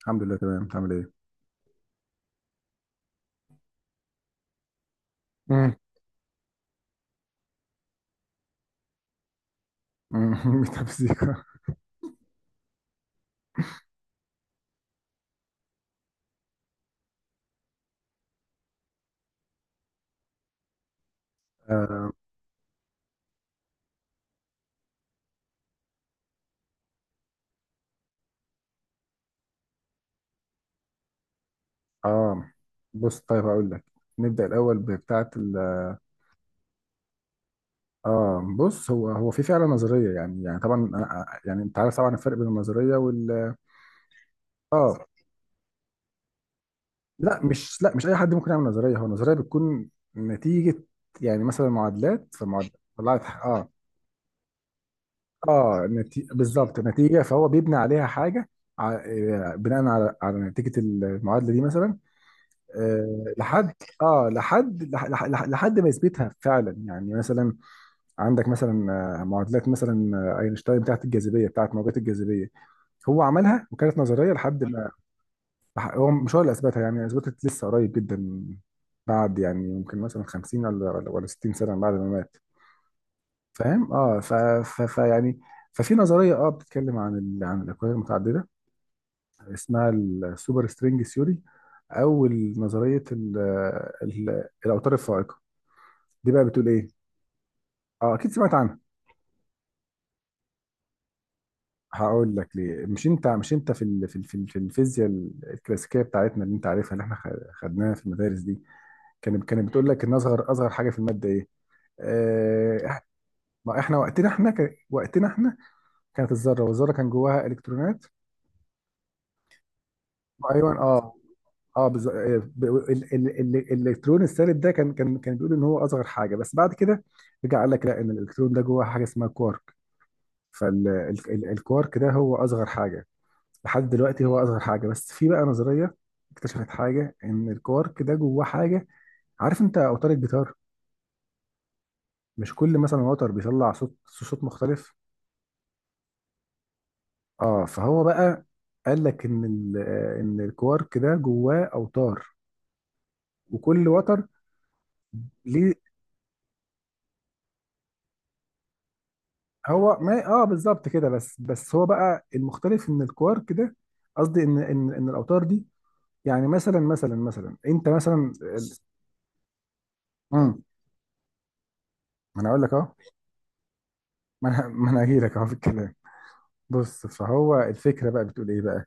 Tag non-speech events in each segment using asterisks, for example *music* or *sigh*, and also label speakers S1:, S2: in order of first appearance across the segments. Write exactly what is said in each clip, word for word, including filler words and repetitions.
S1: الحمد لله تمام، انت عامل ايه؟ امم *laughs* ميتافيزيقا. آه, اه، بص طيب هقول لك. نبدأ الأول بتاعة ال... اه بص، هو هو في فعلا نظرية. يعني يعني طبعا أنا- يعني انت عارف طبعا الفرق بين النظرية وال... اه لا مش لا مش أي حد ممكن يعمل نظرية. هو النظرية بتكون نتيجة، يعني مثلا معادلات، فمعادلات طلعت. اه اه نتي... بالظبط، نتيجة فهو بيبني عليها حاجة. ع... آه، بناء على على نتيجة المعادلة دي مثلا. آه، لحد، اه لحد لح- لح- لح- لحد ما يثبتها فعلا. يعني مثلا عندك مثلا آه، معادلات، مثلا آه، اينشتاين، بتاعت الجاذبيه، بتاعت موجات الجاذبيه. هو عملها وكانت نظريه لحد ما... لح- هو مش هو اللي اثبتها، يعني اثبتت لسه قريب جدا، بعد يعني ممكن مثلا خمسين ولا ولا ولا ستين سنه بعد ما مات. فاهم؟ اه ف ف ف يعني ففي نظريه اه بتتكلم عن ال... عن الاكوان المتعدده، اسمها السوبر سترينج ثيوري، او نظريه ال... ال... الاوتار الفائقه. دي بقى بتقول ايه؟ اه اكيد سمعت عنها. هقول لك ليه. مش انت مش انت في ال... في ال... في ال- في الفيزياء الكلاسيكيه بتاعتنا، اللي انت عارفها، اللي احنا خ- خدناها في المدارس دي، كانت كانت بتقول لك ان اصغر اصغر حاجه في الماده ايه. آه... إح- ما احنا وقتنا احنا كان... وقتنا احنا كانت الذره، والذره كان جواها الكترونات. ايوه اه اه بز... آه، ب... ال... ال... ال... الالكترون السالب ده كان كان كان بيقول ان هو اصغر حاجه، بس بعد كده رجع قال لك لا، ان الالكترون ده جواه حاجه اسمها كوارك، فالكوارك ده هو اصغر حاجه لحد دلوقتي. هو اصغر حاجه، بس في بقى نظريه اكتشفت حاجه ان الكوارك ده جواه حاجه. عارف انت اوتار الجيتار؟ مش كل مثلا وتر بيطلع صوت صوت مختلف؟ اه، فهو بقى قال لك ان ال- آه، ان الكوارك ده جواه اوتار، وكل وتر ليه... هو ما اه بالظبط كده. بس بس هو بقى المختلف ان الكوارك ده... قصدي ان ان ان الاوتار دي، يعني مثلا مثلا مثلا انت مثلا... امم ما انا اقول لك اهو. ما انا ما انا هجي لك اهو في الكلام. بص، فهو الفكرة بقى بتقول ايه بقى؟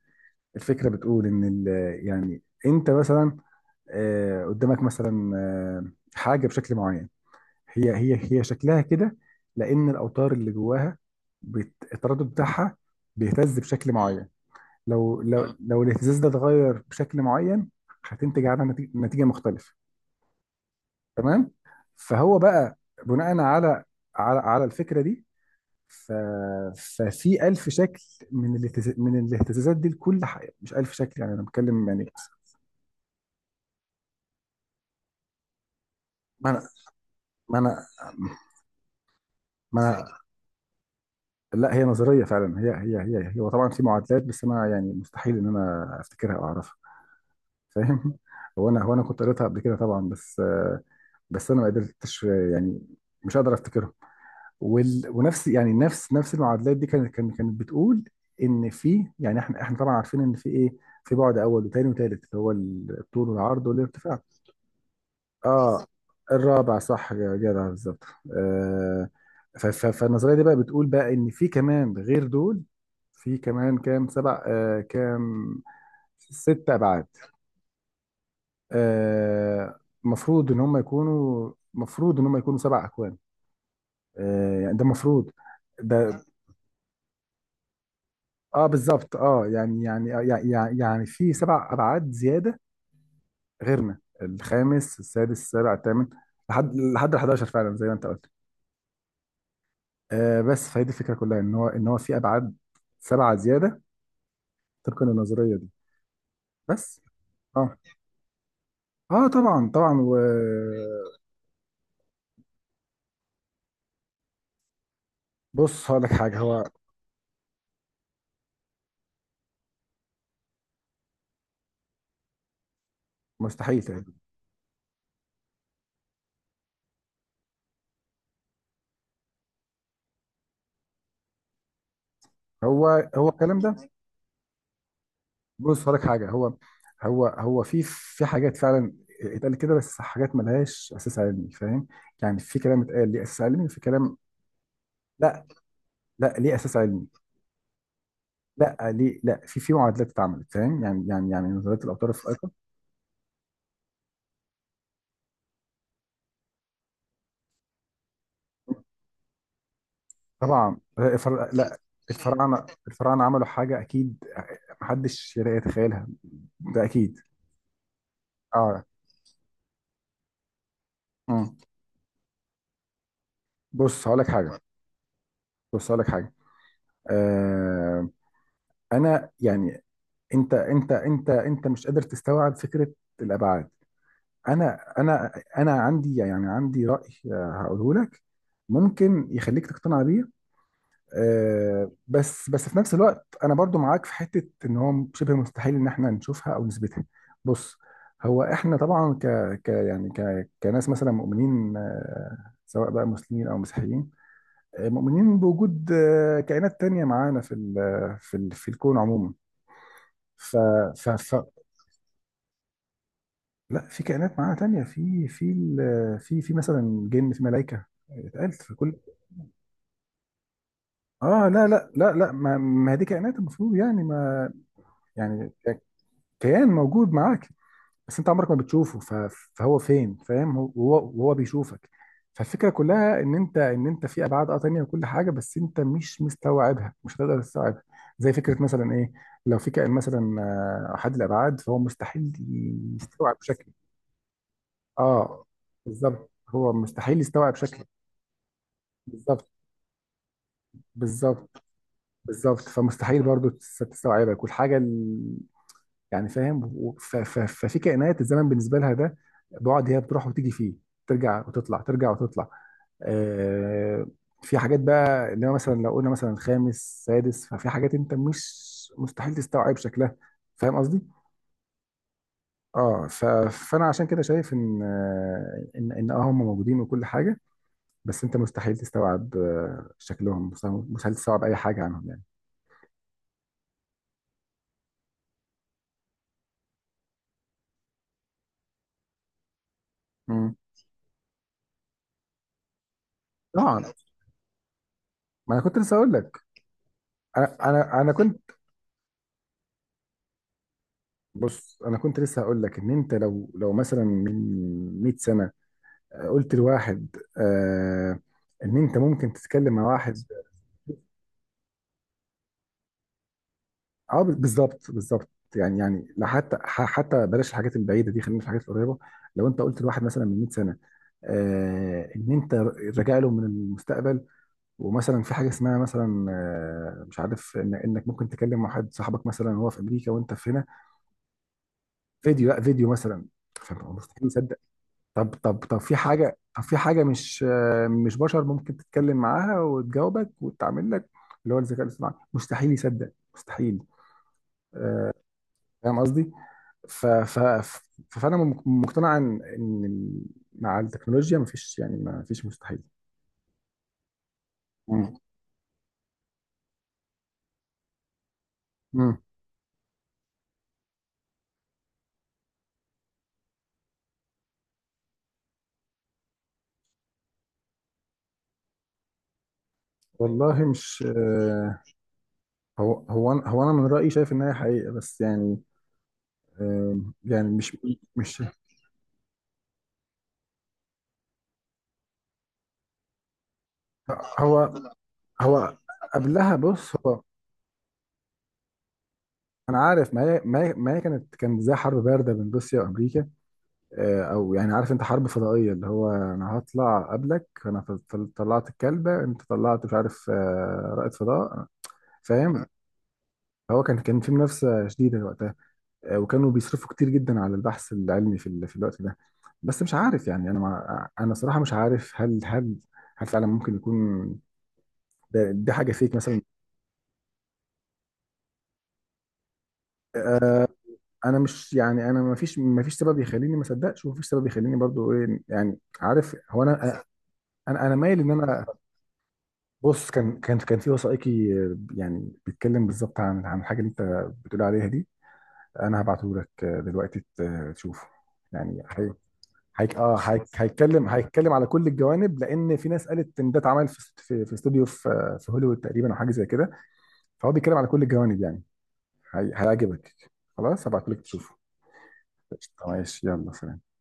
S1: الفكرة بتقول ان ال... يعني انت مثلا آه، قدامك مثلا آه، حاجة بشكل معين، هي هي هي شكلها كده لان الاوتار اللي جواها، بت- التردد بتاعها بيهتز بشكل معين. لو لو اه لو الاهتزاز ده اتغير بشكل معين، هتنتج عنها نتيجة نتيجة مختلفة. تمام. فهو بقى بناء على على على الفكرة دي، ف... ففي ألف شكل من الاهتزاز، من الاهتزازات دي لكل حاجة. مش ألف شكل يعني، أنا بتكلم يعني... ما أنا ما أنا ما أنا لا، هي نظرية فعلا، هي هي هي هي وطبعا في معادلات، بس أنا يعني مستحيل إن أنا أفتكرها أو أعرفها. فاهم؟ هو أنا هو أنا كنت قريتها قبل كده طبعا، بس آه، بس أنا ما قدرتش يعني، مش قادر أفتكرها. وال... ونفس يعني نفس نفس المعادلات دي كانت كانت كانت بتقول ان في يعني، احنا احنا طبعا عارفين ان في ايه، في بعد اول وتاني وتالت، اللي هو الطول والعرض والارتفاع. اه بالظبط، الرابع صح يا جدع، بالظبط. آه ف... ف... فالنظريه دي بقى بتقول بقى ان في كمان غير دول، في كمان كام، سبع، آه كام، ست ابعاد. آه مفروض ان هم يكونوا، مفروض ان هم يكونوا سبع اكوان. آه يعني ده مفروض. ده اه بالظبط، اه يعني يعني آه، يعني يعني في سبع ابعاد زياده، غيرنا الخامس السادس السابع الثامن، لحد لحد ال حداشر، فعلا زي ما انت قلت. آه بس فهي دي الفكره كلها، ان هو ان هو في ابعاد سبعه زياده طبقا للنظريه دي. بس اه، اه طبعا طبعا. وبص هقول لك حاجه، هو مستحيل تقريبا. هو هو الكلام ده... بص هقول لك حاجه، هو هو هو في في حاجات فعلا اتقالت كده، بس حاجات ملهاش اساس علمي. فاهم؟ يعني في كلام اتقال ليه اساس علمي، وفي كلام لا. لا ليه اساس علمي. لا ليه، لا، في في معادلات اتعملت. فاهم؟ يعني يعني يعني نظريه الاوتار الفائقه. طبعا الفر... لا، الفراعنه الفراعنه عملوا حاجه اكيد محدش يقدر يتخيلها، ده اكيد. اه. مم. بص هقول لك حاجه. بص هقول لك حاجه آه انا يعني، انت انت انت انت مش قادر تستوعب فكره الابعاد. انا انا انا عندي يعني عندي راي آه، هقوله لك، ممكن يخليك تقتنع بيه. آه، بس بس في نفس الوقت انا برضو معاك في حته، ان هو شبه مستحيل ان احنا نشوفها او نثبتها. بص، هو احنا طبعا ك ك يعني ك كناس مثلا مؤمنين آه، سواء بقى مسلمين او مسيحيين، آه، مؤمنين بوجود آه، كائنات تانية معانا في ال في ال في الكون عموما. ف ف ف لا، في كائنات معانا تانية، في في ال- في في مثلا جن، في ملائكه، آه، اتقالت في كل... اه لا لا لا لا، ما, ما هي دي كائنات المفروض يعني، ما يعني كيان موجود معاك بس انت عمرك ما بتشوفه. ف- فهو فين؟ فاهم؟ هو، وهو وهو بيشوفك. فالفكره كلها ان انت ان انت في ابعاد اه تانيه وكل حاجه، بس انت مش مستوعبها، مش هتقدر تستوعبها. زي فكره مثلا ايه، لو في كائن مثلا آه، احد الابعاد، فهو مستحيل يستوعب شكلي. اه بالظبط، هو مستحيل يستوعب شكلي. بالظبط بالظبط بالظبط، فمستحيل برضو تس- تستوعبك والحاجه... يعني فاهم؟ و- ف- ف- ففي كائنات الزمن بالنسبه لها ده بعد، هي بتروح وتيجي فيه، ترجع وتطلع، ترجع وتطلع آه، في حاجات بقى، اللي هو مثلا لو قلنا مثلا خامس سادس، ففي حاجات انت مش مستحيل تستوعب شكلها. فاهم قصدي؟ اه ف- فانا عشان كده شايف ان آه، ان ان اه هم موجودين وكل حاجه، بس انت مستحيل تستوعب آه، شكلهم، مستحيل، مستحيل تستوعب اي حاجه عنهم يعني. مم. طبعا، ما انا كنت لسه اقول لك. انا انا انا كنت بص، انا كنت لسه هقول لك ان انت لو لو مثلا من مية سنه قلت لواحد آه ان انت ممكن تتكلم مع واحد... اه بالظبط، بالظبط، يعني يعني لا، حتى ح- حتى بلاش الحاجات البعيده دي، خلينا في الحاجات القريبه. لو انت قلت لواحد مثلا من مية سنه آه ان انت راجع له من المستقبل، ومثلا في حاجه اسمها مثلا آه مش عارف، إن انك ممكن تكلم واحد صاحبك مثلا وهو في امريكا وانت في هنا فيديو، لا فيديو مثلا، فمستحيل. طب طب طب في حاجة، طب في حاجة مش آه، مش بشر ممكن تتكلم معاها وتجاوبك وتعمل لك، اللي هو الذكاء الاصطناعي، مستحيل يصدق، مستحيل. فاهم قصدي؟ ف ف ف- فأنا م- مقتنع إن إن ال- مع التكنولوجيا مفيش، يعني مفيش مستحيل. مم. مم. والله مش آه، هو هو أنا- هو أنا من رأيي شايف إن هي حقيقة، بس يعني آه، يعني مش مش. هو هو قبلها، بص هو انا عارف، ما هي ما هي ما هي كانت كانت زي حرب بارده بين روسيا وامريكا، آه، او يعني عارف انت حرب فضائيه، اللي هو انا هطلع قبلك. انا طل- طل- طلعت الكلبه، انت طلعت مش عارف آه، رائد فضاء. فاهم؟ هو كان كان في منافسه شديده وقتها، آه، وكانوا بيصرفوا كتير جدا على البحث العلمي في ال- في الوقت ده. بس مش عارف يعني، انا مع... انا صراحه مش عارف هل هل هل فعلا ممكن يكون ده- دي حاجه فيك مثلا. آه، انا مش يعني، انا ما فيش ما فيش سبب يخليني ما اصدقش، وما فيش سبب يخليني برضو ايه يعني، عارف، هو انا انا انا مايل ان انا... بص، كان كان كان في وثائقي آه، يعني بيتكلم بالظبط عن عن الحاجه اللي انت بتقول عليها دي. انا هبعته لك آه، دلوقتي ت- آه، تشوفه. يعني هي، هي اه هي هيتكلم هيتكلم على كل الجوانب، لان في ناس قالت ان ده اتعمل في است- في في استوديو في آه، في هوليوود تقريبا او حاجه زي كده. فهو بيتكلم على كل الجوانب يعني. هي- هيعجبك. خلاص هبعته لك تشوفه. قشطة، ماشي، يلا سلام.